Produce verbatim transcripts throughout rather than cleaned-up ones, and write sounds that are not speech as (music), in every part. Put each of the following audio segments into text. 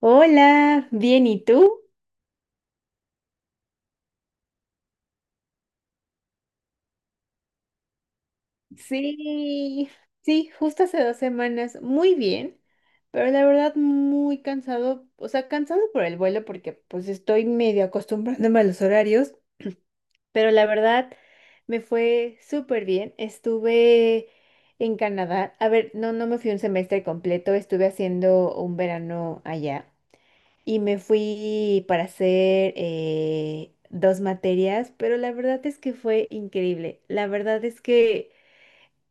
Hola, bien, ¿y tú? Sí, sí, justo hace dos semanas, muy bien, pero la verdad muy cansado, o sea, cansado por el vuelo porque pues estoy medio acostumbrándome a los horarios, pero la verdad me fue súper bien. Estuve en Canadá, a ver, no, no me fui un semestre completo, estuve haciendo un verano allá. Y me fui para hacer eh, dos materias, pero la verdad es que fue increíble. La verdad es que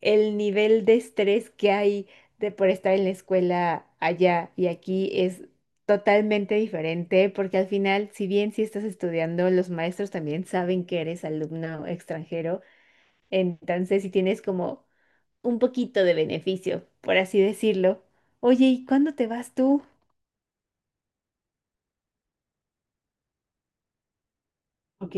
el nivel de estrés que hay de por estar en la escuela allá y aquí es totalmente diferente, porque al final, si bien si estás estudiando, los maestros también saben que eres alumno extranjero, entonces si tienes como un poquito de beneficio, por así decirlo. Oye, ¿y cuándo te vas tú? Ok.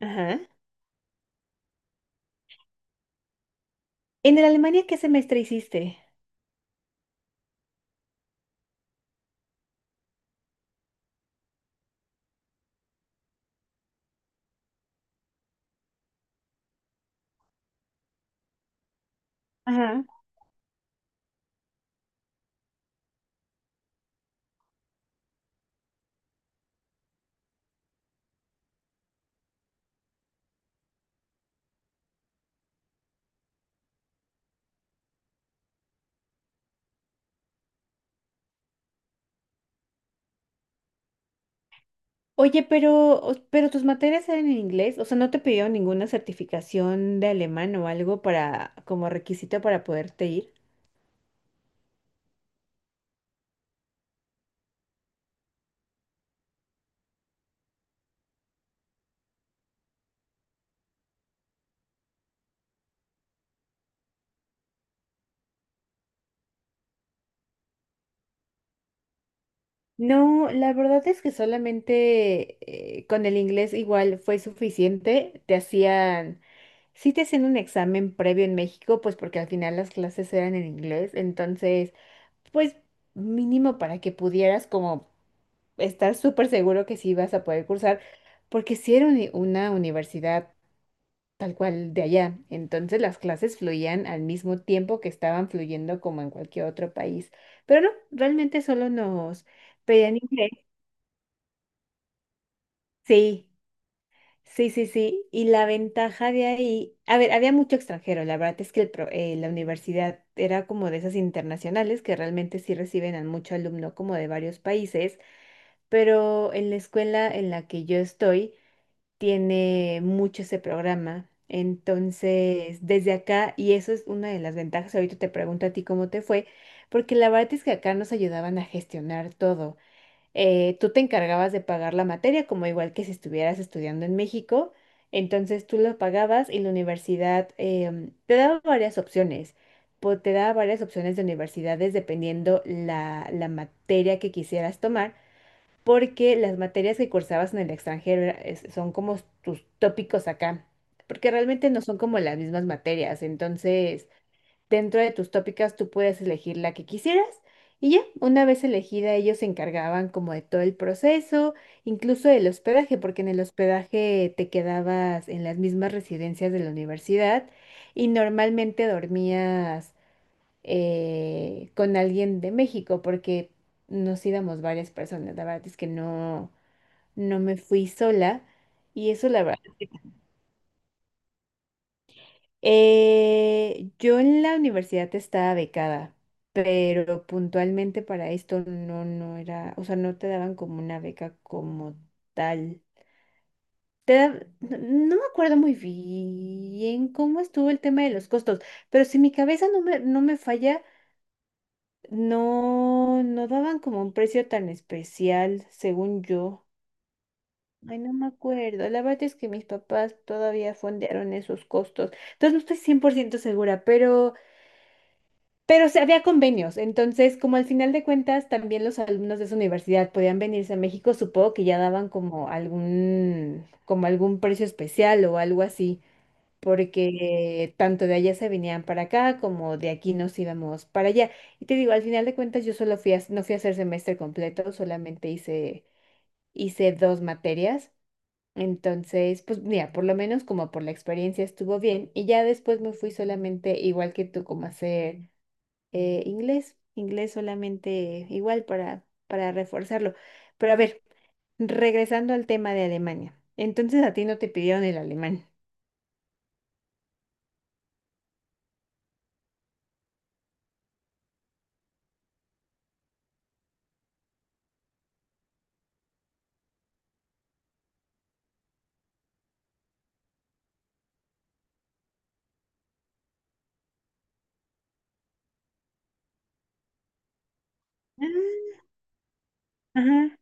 Ajá. En el Alemania, ¿qué semestre hiciste? Ajá. Oye, pero, o- pero tus materias eran en inglés, o sea, ¿no te pidieron ninguna certificación de alemán o algo para, como requisito para poderte ir? No, la verdad es que solamente eh, con el inglés igual fue suficiente. Te hacían, sí te hacían un examen previo en México, pues porque al final las clases eran en inglés, entonces, pues mínimo para que pudieras como estar súper seguro que sí vas a poder cursar, porque sí era uni- una universidad tal cual de allá. Entonces las clases fluían al mismo tiempo que estaban fluyendo como en cualquier otro país. Pero no, realmente solo nos pedían inglés. Sí, sí, sí, sí. Y la ventaja de ahí, a ver, había mucho extranjero. La verdad es que el pro- eh, la universidad era como de esas internacionales que realmente sí reciben a mucho alumno como de varios países. Pero en la escuela en la que yo estoy, tiene mucho ese programa. Entonces, desde acá, y eso es una de las ventajas, ahorita te pregunto a ti cómo te fue, porque la verdad es que acá nos ayudaban a gestionar todo. Eh, tú te encargabas de pagar la materia, como igual que si estuvieras estudiando en México, entonces tú lo pagabas y la universidad em, te daba varias opciones. po- Te daba varias opciones de universidades dependiendo la, la materia que quisieras tomar porque las materias que cursabas en el extranjero era- es- son como tus tópicos acá, porque realmente no son como las mismas materias, entonces dentro de tus tópicas tú puedes elegir la que quisieras y ya, una vez elegida ellos se encargaban como de todo el proceso, incluso del hospedaje, porque en el hospedaje te quedabas en las mismas residencias de la universidad y normalmente dormías eh, con alguien de México, porque nos íbamos varias personas. La verdad es que no, no me fui sola y eso la verdad. Eh, yo en la universidad estaba becada, pero puntualmente para esto no, no era, o sea, no te daban como una beca como tal. Te da- no no me acuerdo muy bien cómo estuvo el tema de los costos, pero si mi cabeza no me, no me falla, no, no daban como un precio tan especial, según yo. Ay, no me acuerdo. La verdad es que mis papás todavía fondearon esos costos. Entonces no estoy cien por ciento segura, pero, pero se había convenios. Entonces, como al final de cuentas también los alumnos de esa universidad podían venirse a México, supongo que ya daban como algún, como algún precio especial o algo así porque tanto de allá se venían para acá como de aquí nos íbamos para allá. Y te digo, al final de cuentas yo solo fui a, no fui a hacer semestre completo, solamente hice, hice dos materias. Entonces, pues mira, por lo menos como por la experiencia estuvo bien y ya después me fui solamente igual que tú como a hacer eh, inglés, inglés solamente igual para, para reforzarlo. Pero a ver, regresando al tema de Alemania. Entonces a ti no te pidieron el alemán. Ah, ajá.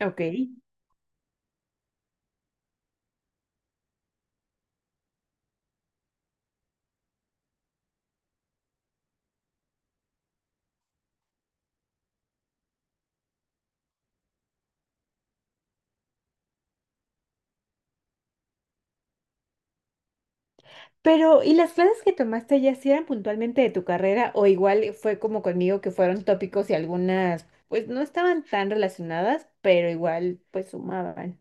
Ok. Pero, ¿y las clases que tomaste allá sí eran puntualmente de tu carrera o igual fue como conmigo que fueron tópicos y algunas pues no estaban tan relacionadas, pero igual pues sumaban?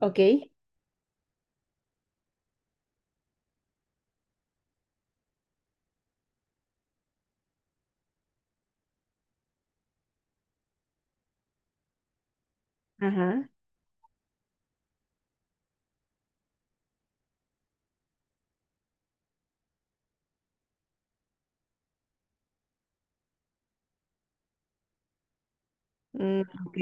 Ok, ajá, mm, ok.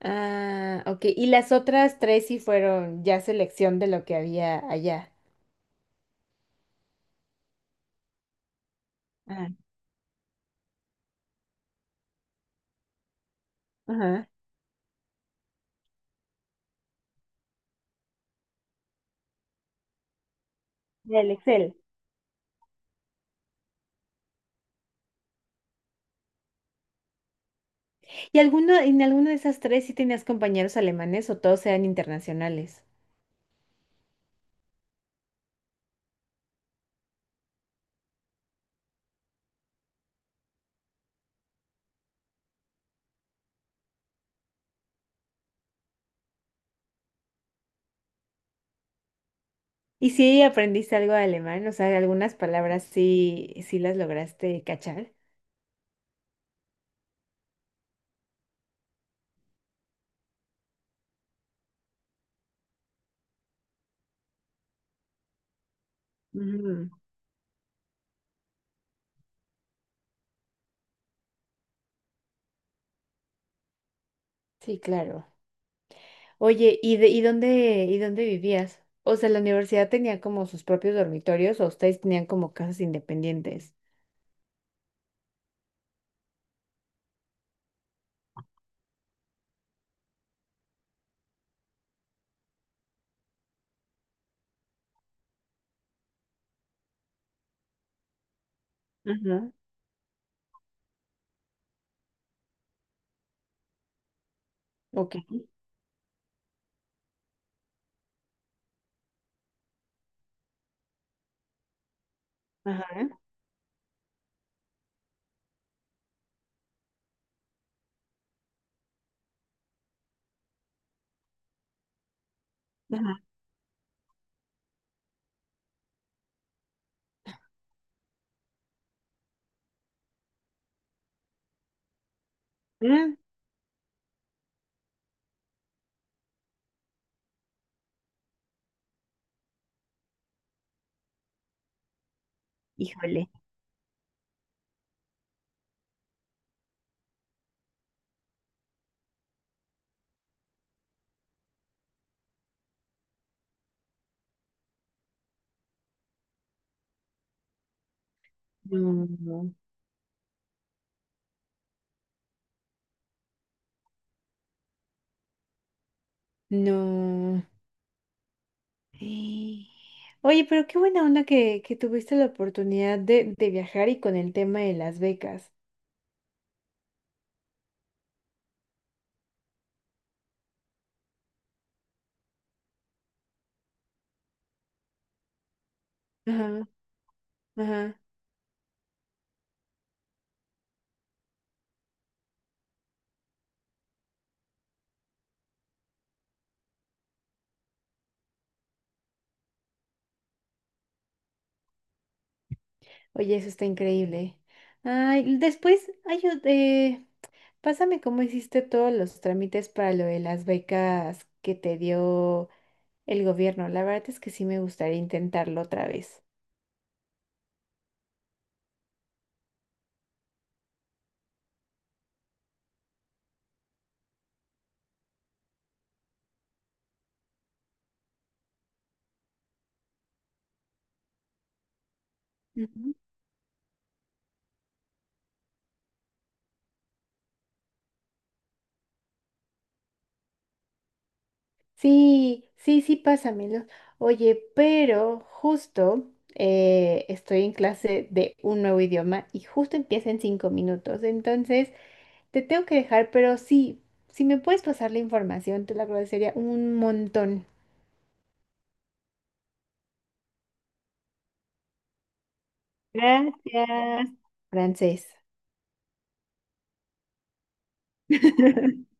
Ah, ok, y las otras tres sí fueron ya selección de lo que había allá. Ah, ajá. Del Excel. ¿Y alguno, en alguna de esas tres sí tenías compañeros alemanes o todos eran internacionales? ¿Y si aprendiste algo de alemán? O sea, algunas palabras sí, sí las lograste cachar. Mm, sí, claro. Oye, ¿y de, y dónde, y dónde vivías? O sea, la universidad tenía como sus propios dormitorios o ustedes tenían como casas independientes. Ajá. Ok. Ajá. Ajá. Mm. Híjole. No. No. Eh, Oye, pero qué buena onda que, que tuviste la oportunidad de, de viajar y con el tema de las becas. Ajá, ajá. Oye, eso está increíble. Ay, después, ay, yo- eh, pásame cómo hiciste todos los trámites para lo de las becas que te dio el gobierno. La verdad es que sí me gustaría intentarlo otra vez. Ujú. Sí, sí, sí, pásamelo. Oye, pero justo eh, estoy en clase de un nuevo idioma y justo empieza en cinco minutos. Entonces, te tengo que dejar, pero sí, si me puedes pasar la información, te lo agradecería un montón. Gracias. Francés. (laughs)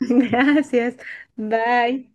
Gracias. Bye.